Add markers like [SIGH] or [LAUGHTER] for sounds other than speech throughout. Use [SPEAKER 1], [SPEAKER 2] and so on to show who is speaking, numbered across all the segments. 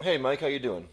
[SPEAKER 1] Hey, Mike, how you doing?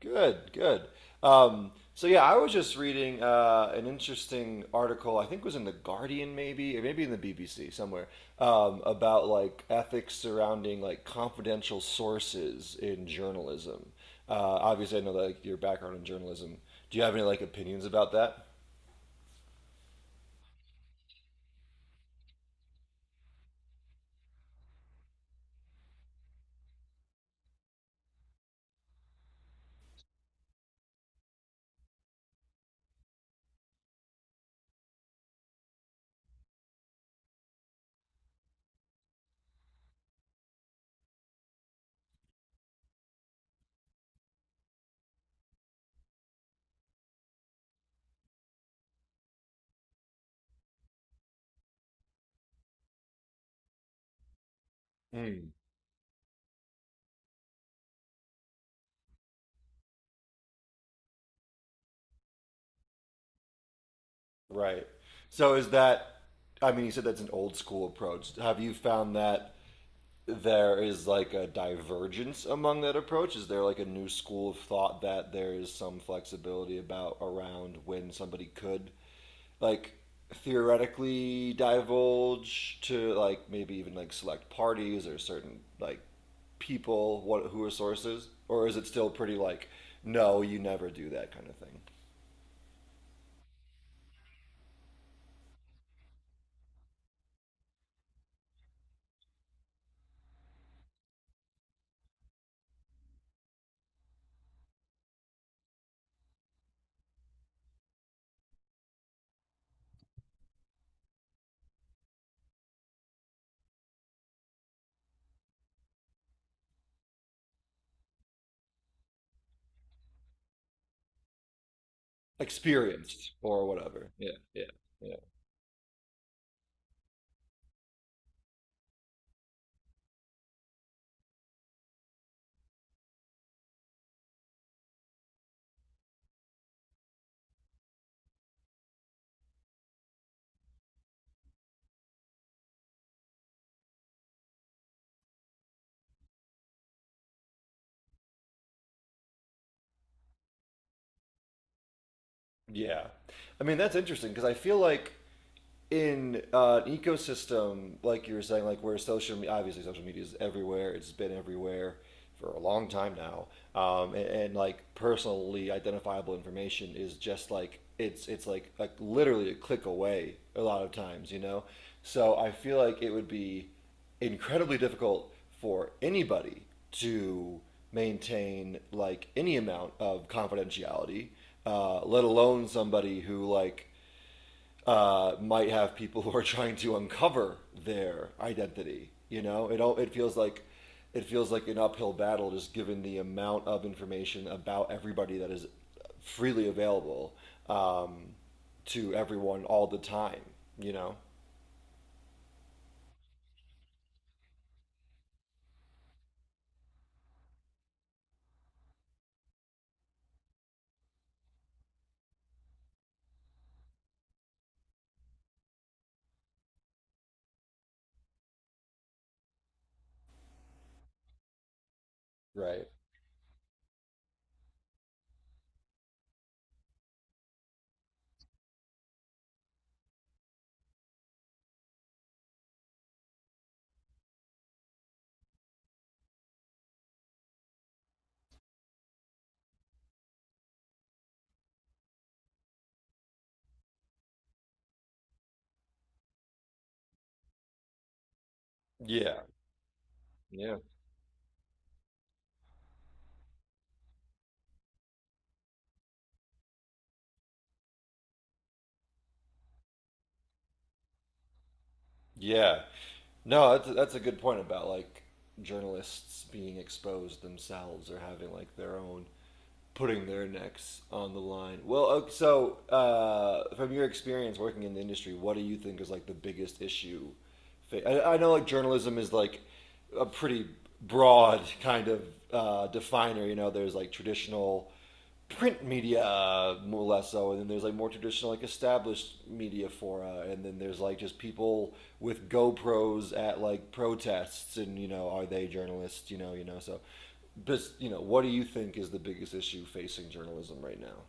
[SPEAKER 1] Good, good. So yeah, I was just reading an interesting article. I think it was in the Guardian, maybe, or maybe in the BBC somewhere, about like ethics surrounding like confidential sources in journalism. Obviously, I know that like your background in journalism. Do you have any like opinions about that? Mm. Right. So is that, I mean, you said that's an old school approach. Have you found that there is like a divergence among that approach? Is there like a new school of thought that there is some flexibility about around when somebody could like theoretically divulge to like maybe even like select parties or certain like people what who are sources, or is it still pretty like no, you never do that kind of thing, experienced or whatever? Yeah, yeah. Yeah. Yeah, I mean that's interesting because I feel like in an ecosystem like you were saying, like where social media, obviously social media is everywhere. It's been everywhere for a long time now, and like personally identifiable information is just like it's like literally a click away a lot of times. So I feel like it would be incredibly difficult for anybody to maintain like any amount of confidentiality, let alone somebody who like might have people [LAUGHS] who are trying to uncover their identity. You know, it feels like an uphill battle, just given the amount of information about everybody that is freely available um, to everyone all the time. You know, Right. Yeah, yeah. Yeah. No, that's a good point about like journalists being exposed themselves or having like their own, putting their necks on the line. Well, so from your experience working in the industry, what do you think is like the biggest issue? I know like journalism is like a pretty broad kind of definer. You know, there's like traditional print media more or less so, and then there's like more traditional like established media fora, and then there's like just people with GoPros at like protests, and you know, are they journalists? So, but you know, what do you think is the biggest issue facing journalism right now?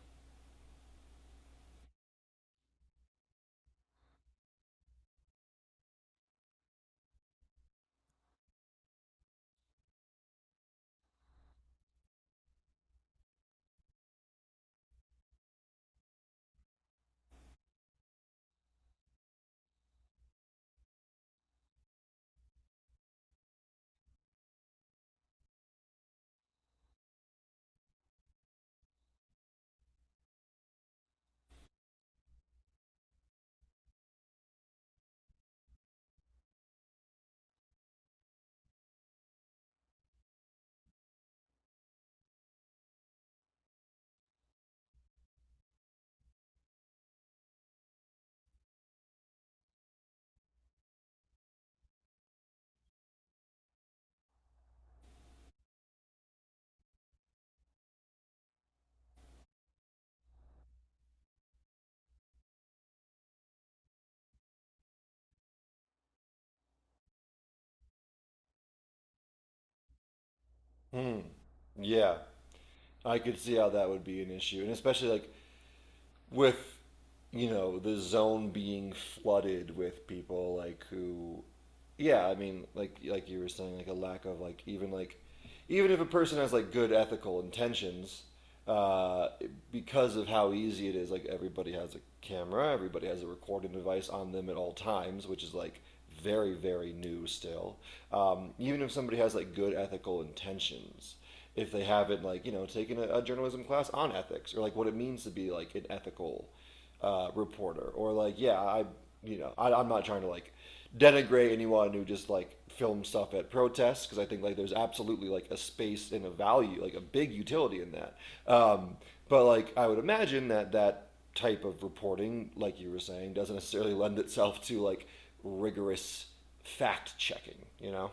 [SPEAKER 1] Hmm. Yeah, I could see how that would be an issue, and especially like with the zone being flooded with people like who, yeah, I mean like you were saying, like a lack of like even if a person has like good ethical intentions, uh, because of how easy it is, like everybody has a camera, everybody has a recording device on them at all times, which is like very, very new still. Even if somebody has like good ethical intentions, if they haven't like you know taken a journalism class on ethics or like what it means to be like an ethical reporter or like, yeah, I you know I'm not trying to like denigrate anyone who just like film stuff at protests, because I think like there's absolutely like a space and a value, like a big utility in that. Um, but like I would imagine that that type of reporting, like you were saying, doesn't necessarily lend itself to like rigorous fact checking, you know?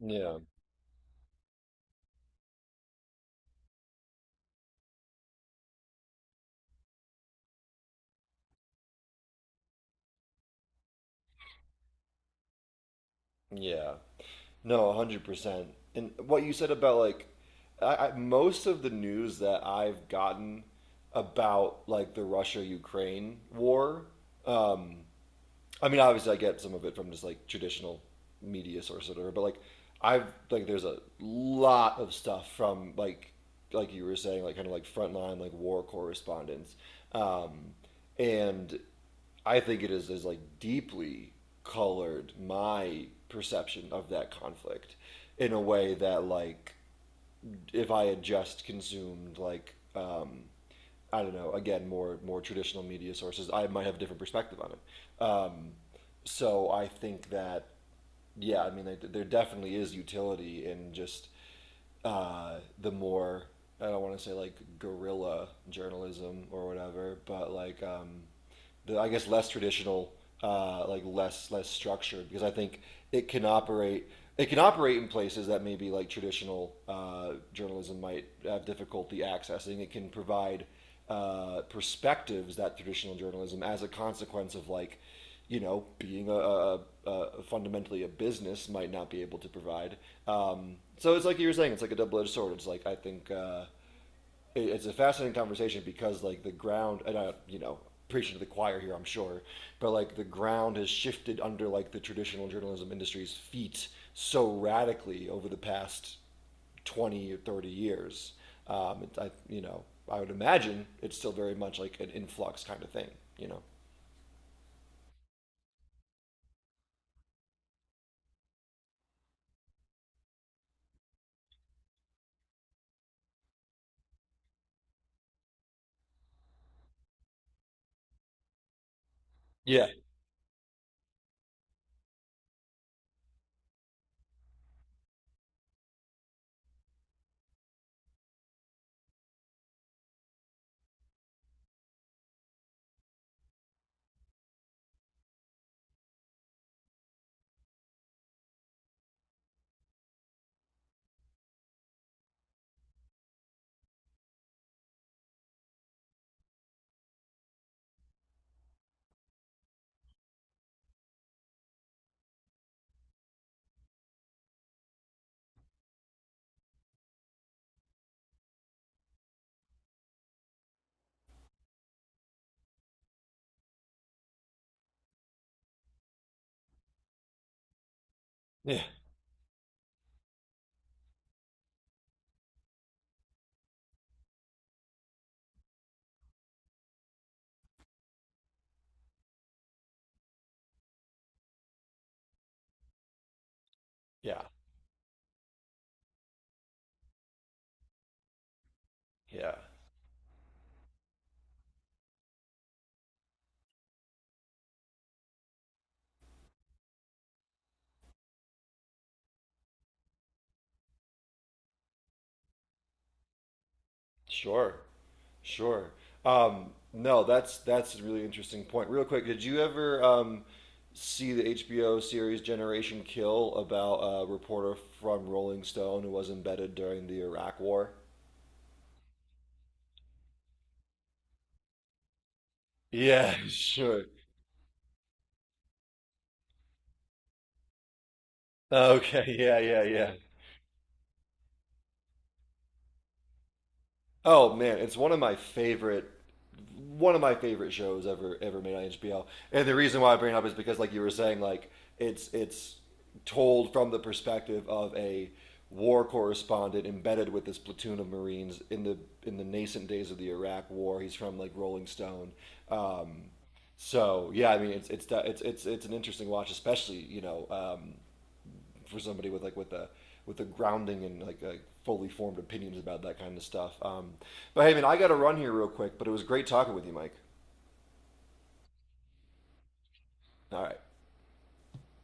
[SPEAKER 1] Yeah. Yeah. No, 100%. And what you said about like most of the news that I've gotten about like the Russia Ukraine war, um, I mean, obviously, I get some of it from just like traditional media sources or whatever, but like I've like there's a lot of stuff from like you were saying, like kind of like frontline like war correspondents, um, and I think it is like deeply colored my perception of that conflict in a way that like if I had just consumed like I don't know, again, more traditional media sources, I might have a different perspective on it. So I think that, yeah, I mean, there definitely is utility in just the more, I don't want to say like guerrilla journalism or whatever, but like the, I guess, less traditional, like less structured, because I think it can operate. It can operate in places that maybe like traditional journalism might have difficulty accessing. It can provide perspectives that traditional journalism, as a consequence of like, you know, being a fundamentally a business, might not be able to provide. So it's like you were saying, it's like a double edged sword. It's like I think it's a fascinating conversation because like the ground, and I, you know, preaching to the choir here, I'm sure, but like the ground has shifted under like the traditional journalism industry's feet so radically over the past 20 or 30 years it, I I would imagine it's still very much like an influx kind of thing you know yeah. Yeah. Yeah. Yeah. Sure, sure. No, that's a really interesting point. Real quick, did you ever see the HBO series Generation Kill about a reporter from Rolling Stone who was embedded during the Iraq War? Yeah, [LAUGHS] sure. Okay, yeah, yeah, yeah. Oh man, it's one of my favorite shows ever made on HBO. And the reason why I bring it up is because like you were saying, like it's told from the perspective of a war correspondent embedded with this platoon of Marines in the nascent days of the Iraq war. He's from like Rolling Stone. Um so yeah, I mean it's an interesting watch, especially you know for somebody with like with a grounding and like a fully formed opinions about that kind of stuff. But hey, man, I got to run here real quick. But it was great talking with you, Mike. All right.